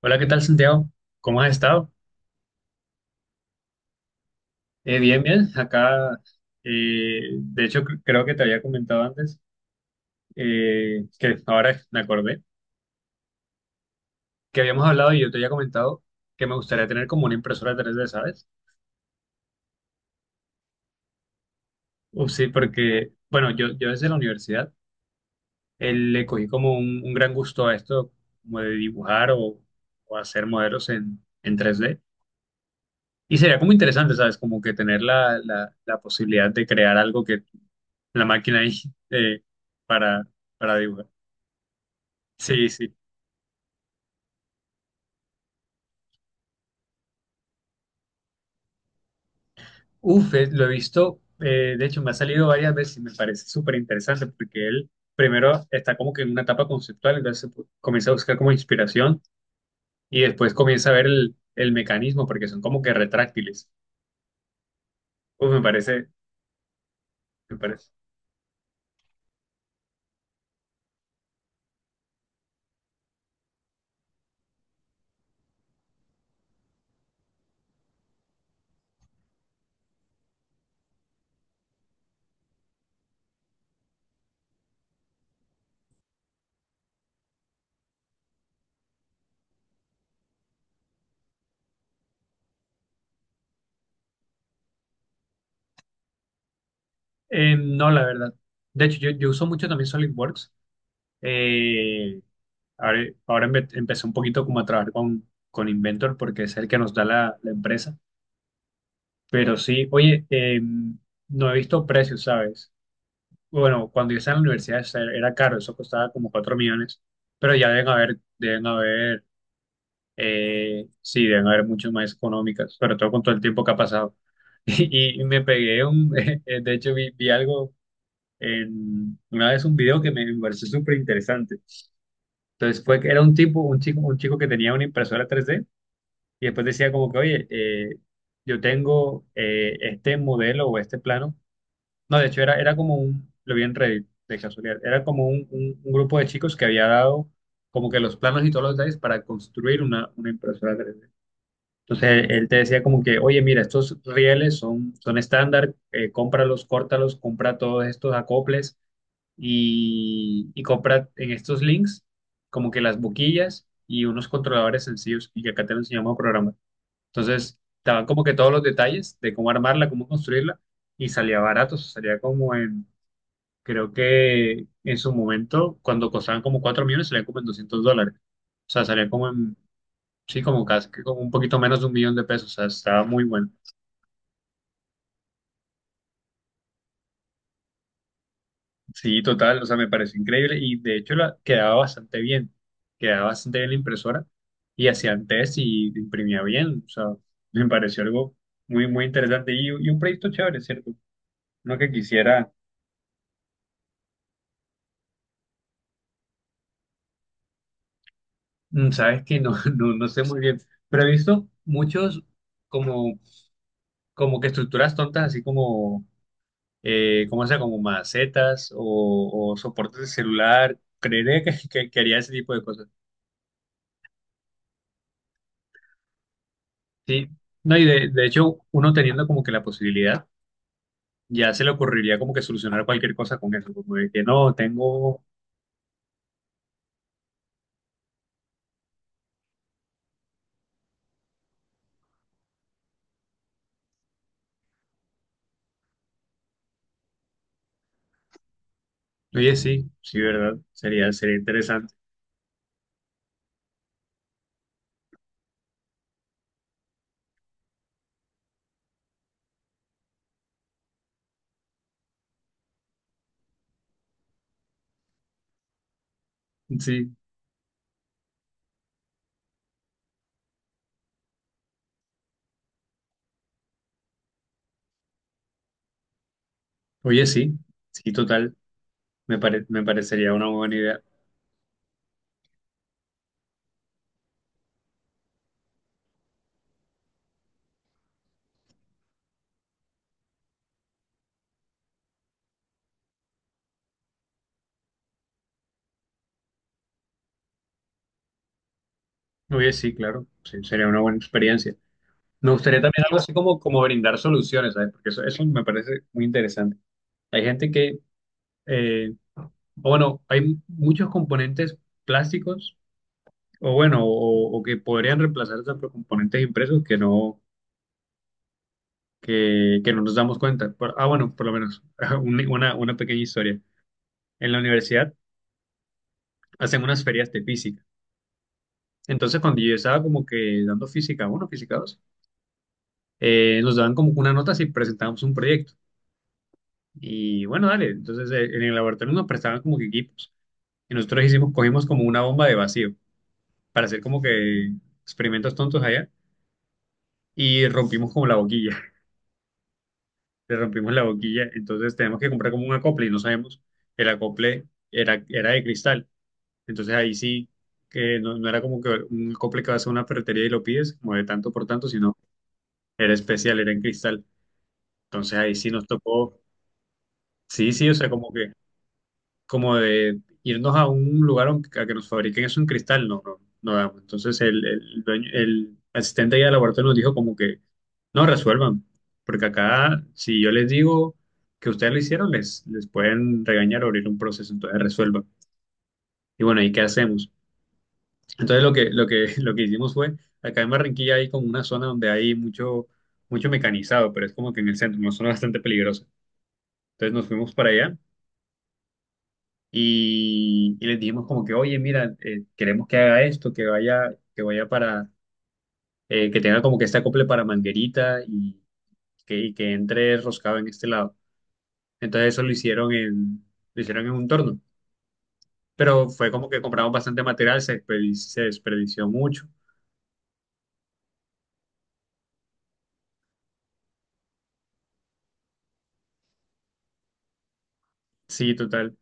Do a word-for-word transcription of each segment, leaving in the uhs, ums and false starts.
Hola, ¿qué tal, Santiago? ¿Cómo has estado? Eh, bien, bien. Acá, eh, de hecho, cre- creo que te había comentado antes, eh, que ahora me acordé, que habíamos hablado y yo te había comentado que me gustaría tener como una impresora tres d, ¿sabes? Uf, sí, porque, bueno, yo, yo desde la universidad eh, le cogí como un, un gran gusto a esto, como de dibujar o, o hacer modelos en, en tres d. Y sería como interesante, ¿sabes? Como que tener la, la, la posibilidad de crear algo, la máquina ahí, eh, para, para dibujar. Sí, sí. Uf, eh, lo he visto, eh, de hecho me ha salido varias veces y me parece súper interesante porque él primero está como que en una etapa conceptual, entonces pu- comienza a buscar como inspiración y después comienza a ver el, el mecanismo porque son como que retráctiles. Uf, me parece, me parece. Eh, no, la verdad. De hecho, yo, yo uso mucho también SolidWorks. Eh, ahora ahora empe- empecé un poquito como a trabajar con, con Inventor porque es el que nos da la la empresa. Pero sí, oye, eh, no he visto precios, ¿sabes? Bueno, cuando yo estaba en la universidad esa- era era caro, eso costaba como cuatro millones, pero ya deben haber, deben haber, eh, sí, deben haber mucho más económicas, sobre todo con todo el tiempo que ha pasado. Y, y me pegué un, eh, de hecho vi, vi algo en, una vez un video que me, me pareció súper interesante. Entonces fue que era un tipo, un chico, un chico que tenía una impresora tres d y después decía como que, oye, eh, yo tengo eh, este modelo o este plano. No, de hecho era, era como un, lo vi en Reddit de casualidad, era como un, un- un grupo de chicos que había dado como que los planos y todos los detalles para construir una, una impresora tres D. Entonces él, él te decía como que, oye, mira, estos rieles son, son estándar, eh, cómpralos, córtalos, compra todos estos acoples y, y compra en estos links como que las boquillas y unos controladores sencillos y que acá te lo enseñamos a programar. Entonces, estaban como que todos los detalles de cómo armarla, cómo construirla y salía barato, o sea, salía como en... Creo que en su momento, cuando costaban como cuatro millones, salían como en doscientos dólares. O sea, salía como en, sí, como casi, que como un poquito menos de un millón de pesos. O sea, estaba muy bueno. Sí, total, o sea, me pareció increíble y de hecho la, quedaba bastante bien. Quedaba bastante bien la impresora y hacían test y imprimía bien. O sea, me pareció algo muy, muy interesante y, y un proyecto chévere, ¿cierto? No que quisiera, mm, sabes que no, no, no sé muy bien, pero he visto muchos como como que estructuras tontas, así como eh, ¿cómo sea? Como macetas o, o soportes de celular. Creeré que, que, que haría ese tipo de cosas. Sí, no, y de, de hecho, uno teniendo como que la posibilidad, ya se le ocurriría como que solucionar cualquier cosa con eso, como de que no, tengo, oye, sí, sí, ¿verdad? Sería, sería interesante. Sí, oye, sí, sí, total, me pare- me parecería una buena idea. Oye, sí, claro, sí, sería una buena experiencia. Me gustaría también algo así como, como brindar soluciones, ¿sabes? Porque eso, eso me parece muy interesante. Hay gente que, eh, bueno, hay muchos componentes plásticos, o bueno, o, o que podrían reemplazarse por componentes impresos que no, que, que no nos damos cuenta. Por- ah, bueno, por lo menos, un- una, una pequeña historia. En la universidad hacen unas ferias de física. Entonces, cuando yo estaba como que dando física uno, física dos, eh, nos daban como que una nota si presentábamos un proyecto. Y bueno, dale, entonces eh, en el laboratorio nos prestaban como que equipos. Y nosotros hicimos, cogimos como una bomba de vacío para hacer como que experimentos tontos allá y rompimos como la boquilla, le rompimos la boquilla, entonces tenemos que comprar como un acople y no sabemos, el acople era, era de cristal, entonces ahí sí, que no, no era como que un acople que vas a una ferretería y lo pides, como de tanto por tanto, sino era especial, era en cristal, entonces ahí sí nos tocó, sí, sí, o sea, como que como de irnos a un lugar aunque- a que nos fabriquen eso en cristal, no, no, no damos. Entonces el, el dueño- el asistente allá del laboratorio nos dijo como que no resuelvan, porque acá si yo les digo que ustedes lo hicieron, les, les pueden regañar o abrir un proceso, entonces resuelvan. Y bueno, ¿y qué hacemos? Entonces lo que, lo que, lo que hicimos fue, acá en Barranquilla hay como una zona donde hay mucho, mucho mecanizado, pero es como que en el centro, una zona bastante peligrosa. Entonces nos fuimos para allá y, y les dijimos como que, oye, mira, eh, queremos que haga esto, que vaya, que vaya para, eh, que tenga como que este acople para manguerita y que, y que entre roscado en este lado. Entonces eso lo hicieron en, lo hicieron en un torno, pero fue como que compramos bastante material, se, desperdi- se desperdició mucho, sí, total.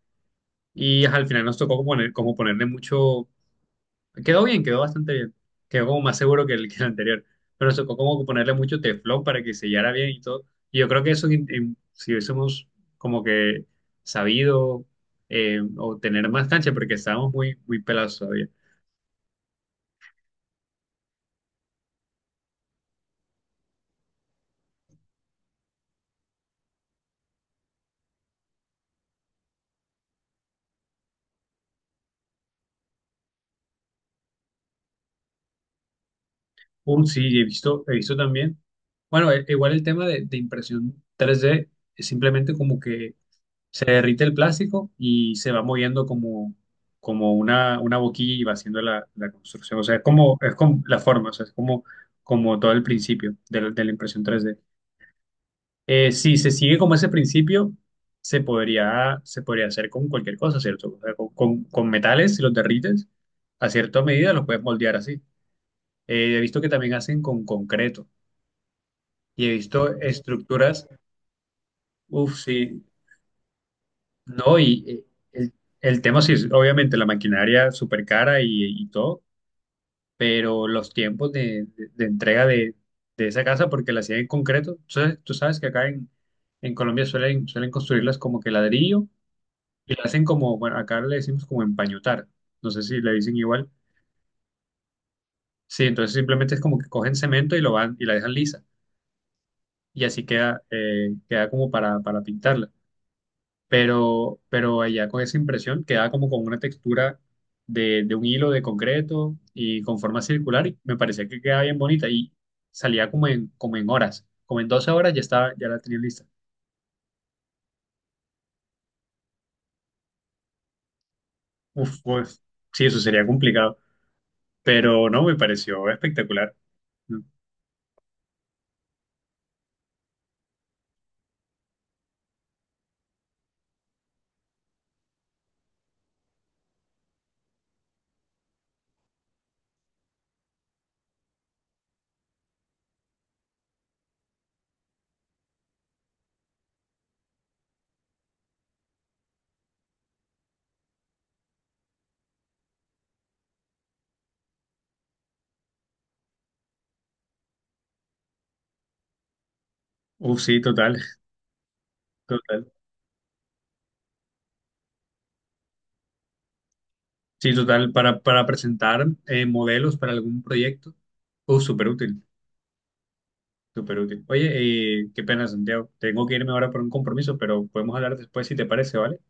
Y ajá, al final nos tocó como poner, como ponerle mucho. Quedó bien, quedó bastante bien. Quedó como más seguro que el, que el anterior. Pero nos tocó como ponerle mucho teflón para que sellara bien y todo. Y yo creo que eso, en- en- si hubiésemos como que sabido eh, o tener más cancha, porque estábamos muy, muy pelados todavía. Uh, sí, he visto, he visto también. Bueno, e- igual el tema de, de impresión tres D es simplemente como que se derrite el plástico y se va moviendo como, como una, una boquilla y va haciendo la, la construcción. O sea, es como, es como la forma, o sea, es como, como todo el principio de, la de la impresión tres D. Eh, si se sigue como ese principio, se podría, se podría hacer con cualquier cosa, ¿cierto? O sea, con, con- con metales, si los derrites, a cierta medida los puedes moldear así. Eh, he visto que también hacen con concreto y he visto estructuras, uff, sí, no, y eh, el, el tema sí es obviamente la maquinaria súper cara y, y todo, pero los tiempos de, de- de entrega de, de esa casa, porque la hacían en concreto, tú sabes, tú sabes que acá en, en Colombia suelen, suelen construirlas como que ladrillo y la hacen como, bueno, acá le decimos como empañotar, no sé si le dicen igual, sí, entonces simplemente es como que cogen cemento y lo van y la dejan lisa y así queda, eh, queda como para, para pintarla. pero, pero allá con esa impresión quedaba como con una textura de, de un hilo de concreto y con forma circular y me parecía que quedaba bien bonita y salía como en, como en horas, como en doce horas ya estaba, ya la tenía lista. Uf, pues sí, eso sería complicado, pero no, me pareció espectacular. Uf, sí, total, total. Sí, total, para, para presentar eh, modelos para algún proyecto, uf, súper útil. Súper útil. Oye, eh, qué pena, Santiago. Tengo que irme ahora por un compromiso, pero podemos hablar después si te parece, ¿vale?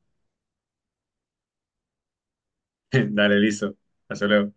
Dale, listo. Hasta luego.